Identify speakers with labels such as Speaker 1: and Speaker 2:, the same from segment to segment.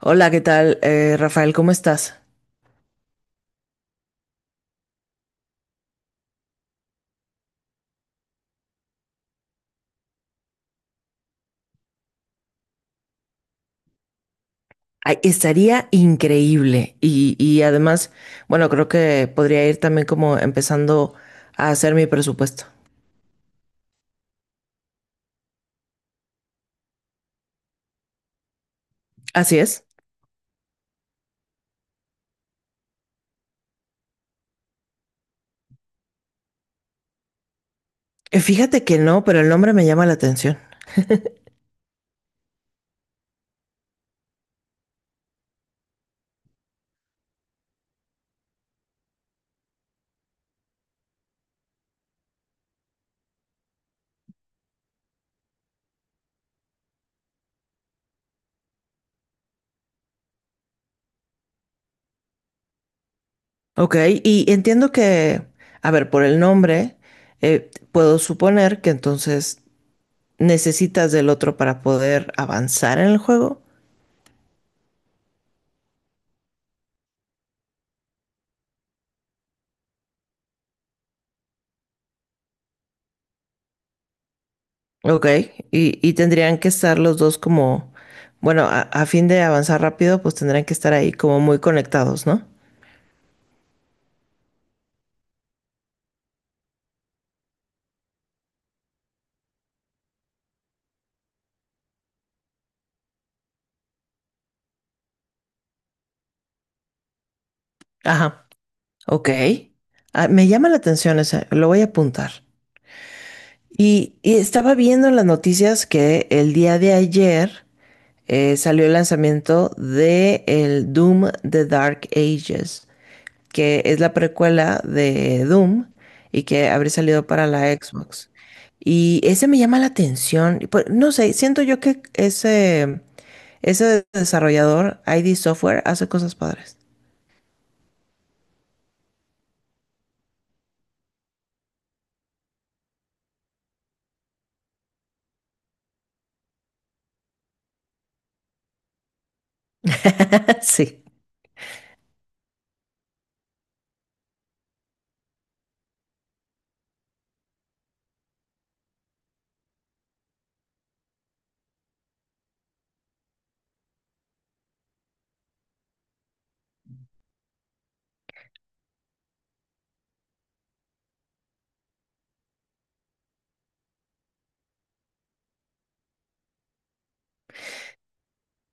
Speaker 1: Hola, ¿qué tal? Rafael, ¿cómo estás? Ay, estaría increíble y además, bueno, creo que podría ir también como empezando a hacer mi presupuesto. Así es. Fíjate que no, pero el nombre me llama la atención. Ok, y entiendo que, a ver, por el nombre, puedo suponer que entonces necesitas del otro para poder avanzar en el juego. Ok, y tendrían que estar los dos como, bueno, a fin de avanzar rápido, pues tendrían que estar ahí como muy conectados, ¿no? Ajá, ok. Ah, me llama la atención esa, lo voy a apuntar. Y estaba viendo en las noticias que el día de ayer salió el lanzamiento de el Doom The Dark Ages, que es la precuela de Doom y que habría salido para la Xbox. Y ese me llama la atención, y pues, no sé, siento yo que ese desarrollador, ID Software, hace cosas padres. Sí.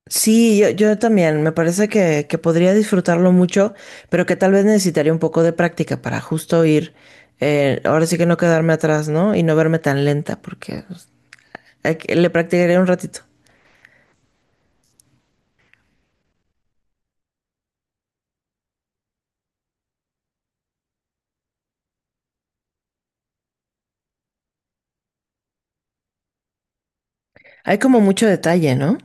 Speaker 1: Sí, yo también. Me parece que podría disfrutarlo mucho, pero que tal vez necesitaría un poco de práctica para justo ir. Ahora sí que no quedarme atrás, ¿no? Y no verme tan lenta, porque pues, le practicaré un ratito. Hay como mucho detalle, ¿no?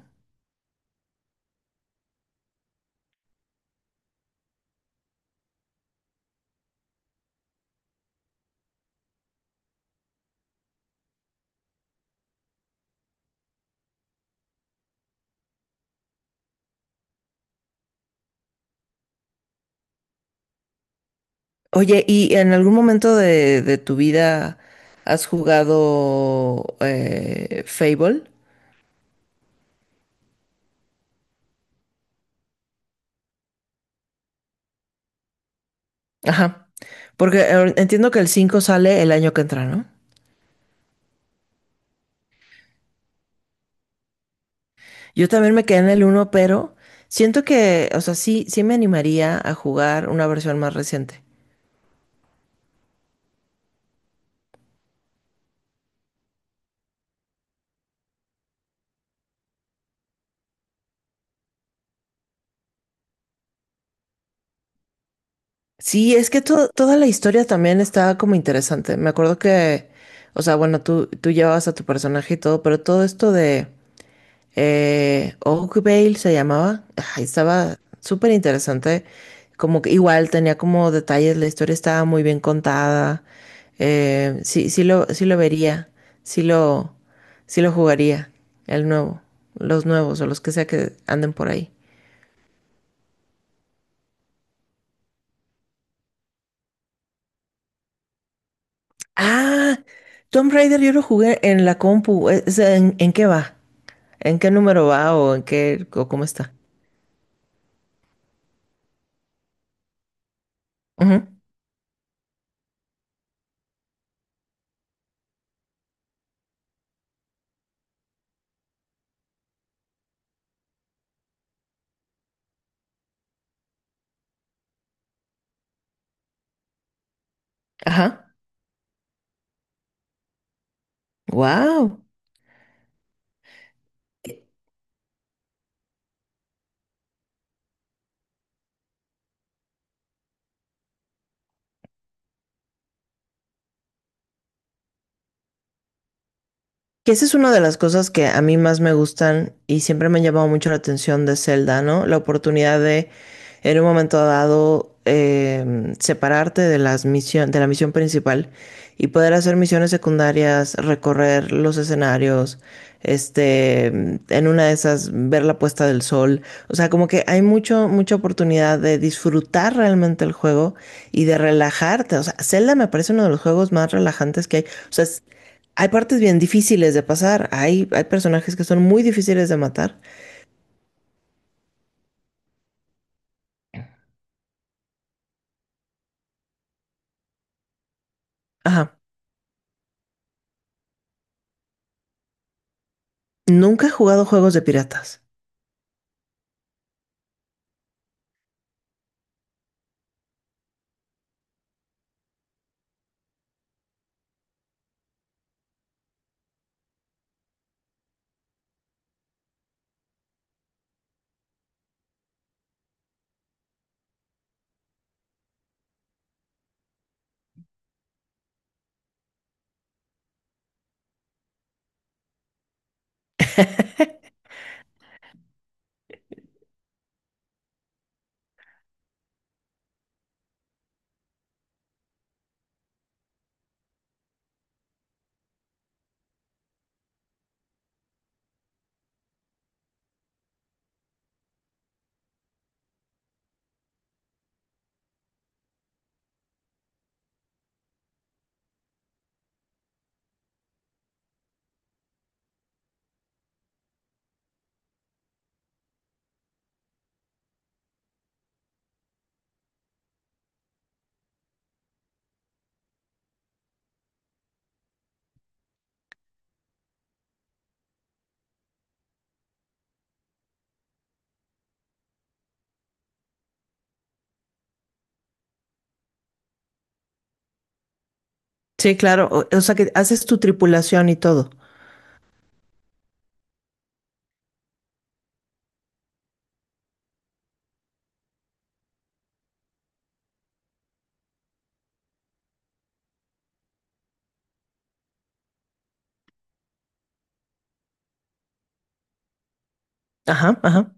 Speaker 1: Oye, ¿y en algún momento de tu vida has jugado Fable? Ajá. Porque entiendo que el cinco sale el año que entra, ¿no? Yo también me quedé en el uno, pero siento que, o sea, sí me animaría a jugar una versión más reciente. Sí, es que toda la historia también está como interesante. Me acuerdo que, o sea, bueno, tú llevabas a tu personaje y todo, pero todo esto de, Oakvale se llamaba. Ay, estaba súper interesante. Como que igual tenía como detalles, la historia estaba muy bien contada. Sí lo vería. Sí lo, sí lo jugaría. El nuevo. Los nuevos o los que sea que anden por ahí. Ah, Tomb Raider yo lo jugué en la compu. E, en qué va? ¿En qué número va o en qué o cómo está? Ujú. Ajá. Wow. Que esa es una de las cosas que a mí más me gustan y siempre me han llamado mucho la atención de Zelda, ¿no? La oportunidad de, en un momento dado, separarte de de la misión principal y poder hacer misiones secundarias, recorrer los escenarios, en una de esas, ver la puesta del sol. O sea, como que hay mucha oportunidad de disfrutar realmente el juego y de relajarte. O sea, Zelda me parece uno de los juegos más relajantes que hay. O sea, hay partes bien difíciles de pasar, hay personajes que son muy difíciles de matar. Ajá. Nunca he jugado juegos de piratas. Sí, claro. O sea que haces tu tripulación y todo. Ajá, ajá.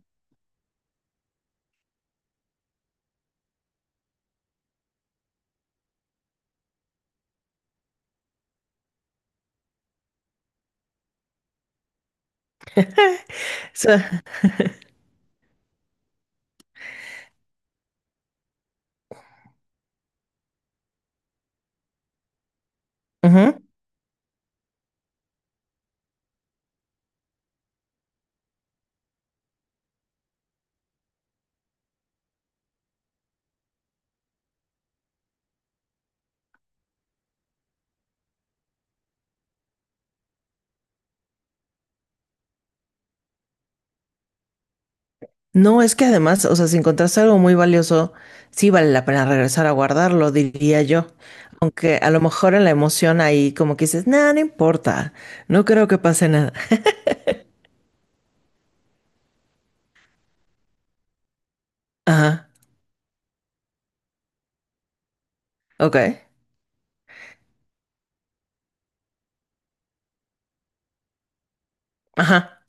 Speaker 1: O sea, ujú. No, es que además, o sea, si encontraste algo muy valioso, sí vale la pena regresar a guardarlo, diría yo. Aunque a lo mejor en la emoción ahí como que dices, nada, no importa, no creo que pase nada. Ajá, ok. Ajá,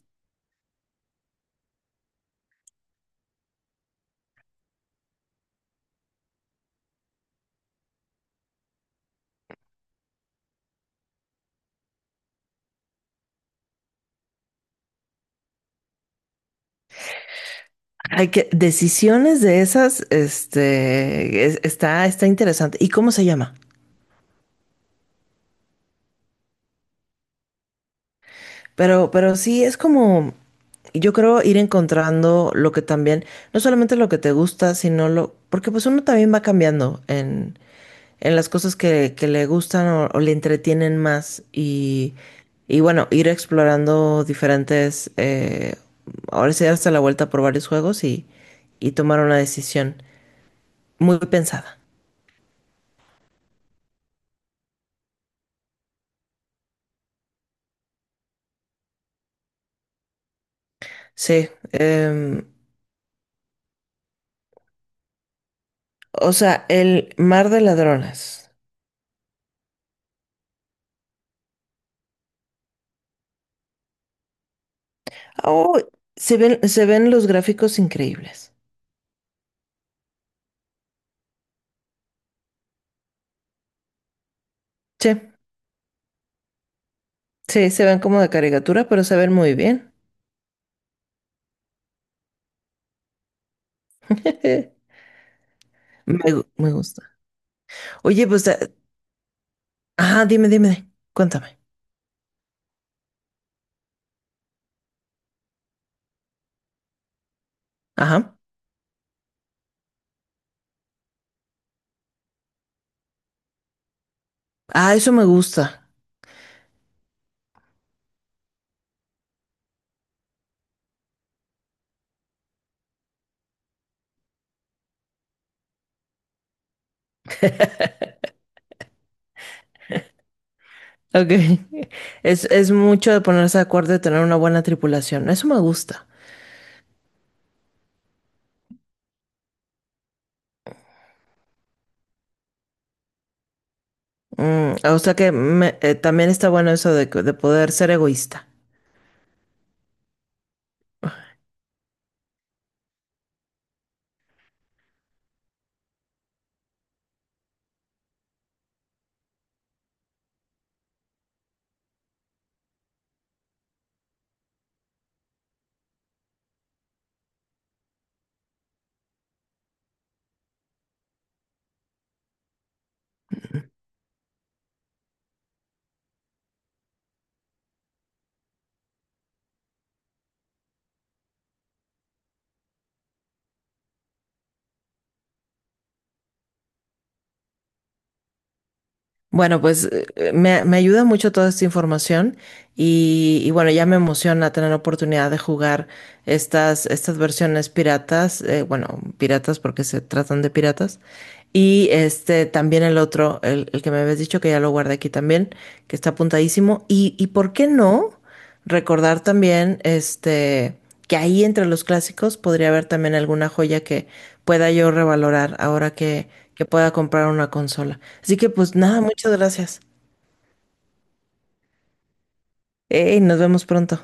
Speaker 1: hay que decisiones de esas, este, está, está interesante. ¿Y cómo se llama? Pero sí, es como, yo creo ir encontrando lo que también, no solamente lo que te gusta, sino lo, porque pues uno también va cambiando en las cosas que le gustan o le entretienen más y bueno, ir explorando diferentes, ahora sí hasta la vuelta por varios juegos y tomar una decisión muy pensada. Sí, em, o sea, el mar de ladronas. Oh, se ven los gráficos increíbles. Sí, sí, se ven como de caricatura, pero se ven muy bien. Me, me gusta. Oye, pues, ajá, dime, dime, cuéntame. Ajá. Ah, eso me gusta. Ok. Es mucho de ponerse de acuerdo y tener una buena tripulación. Eso me gusta. Mm, o sea que también está bueno eso de, de poder ser egoísta. Bueno, pues me ayuda mucho toda esta información y bueno, ya me emociona tener la oportunidad de jugar estas versiones piratas, bueno, piratas porque se tratan de piratas. Y este también el otro, el que me habías dicho que ya lo guardé aquí también, que está apuntadísimo. Y por qué no recordar también este que ahí entre los clásicos podría haber también alguna joya que pueda yo revalorar ahora que pueda comprar una consola. Así que pues nada, muchas gracias. Ey, nos vemos pronto.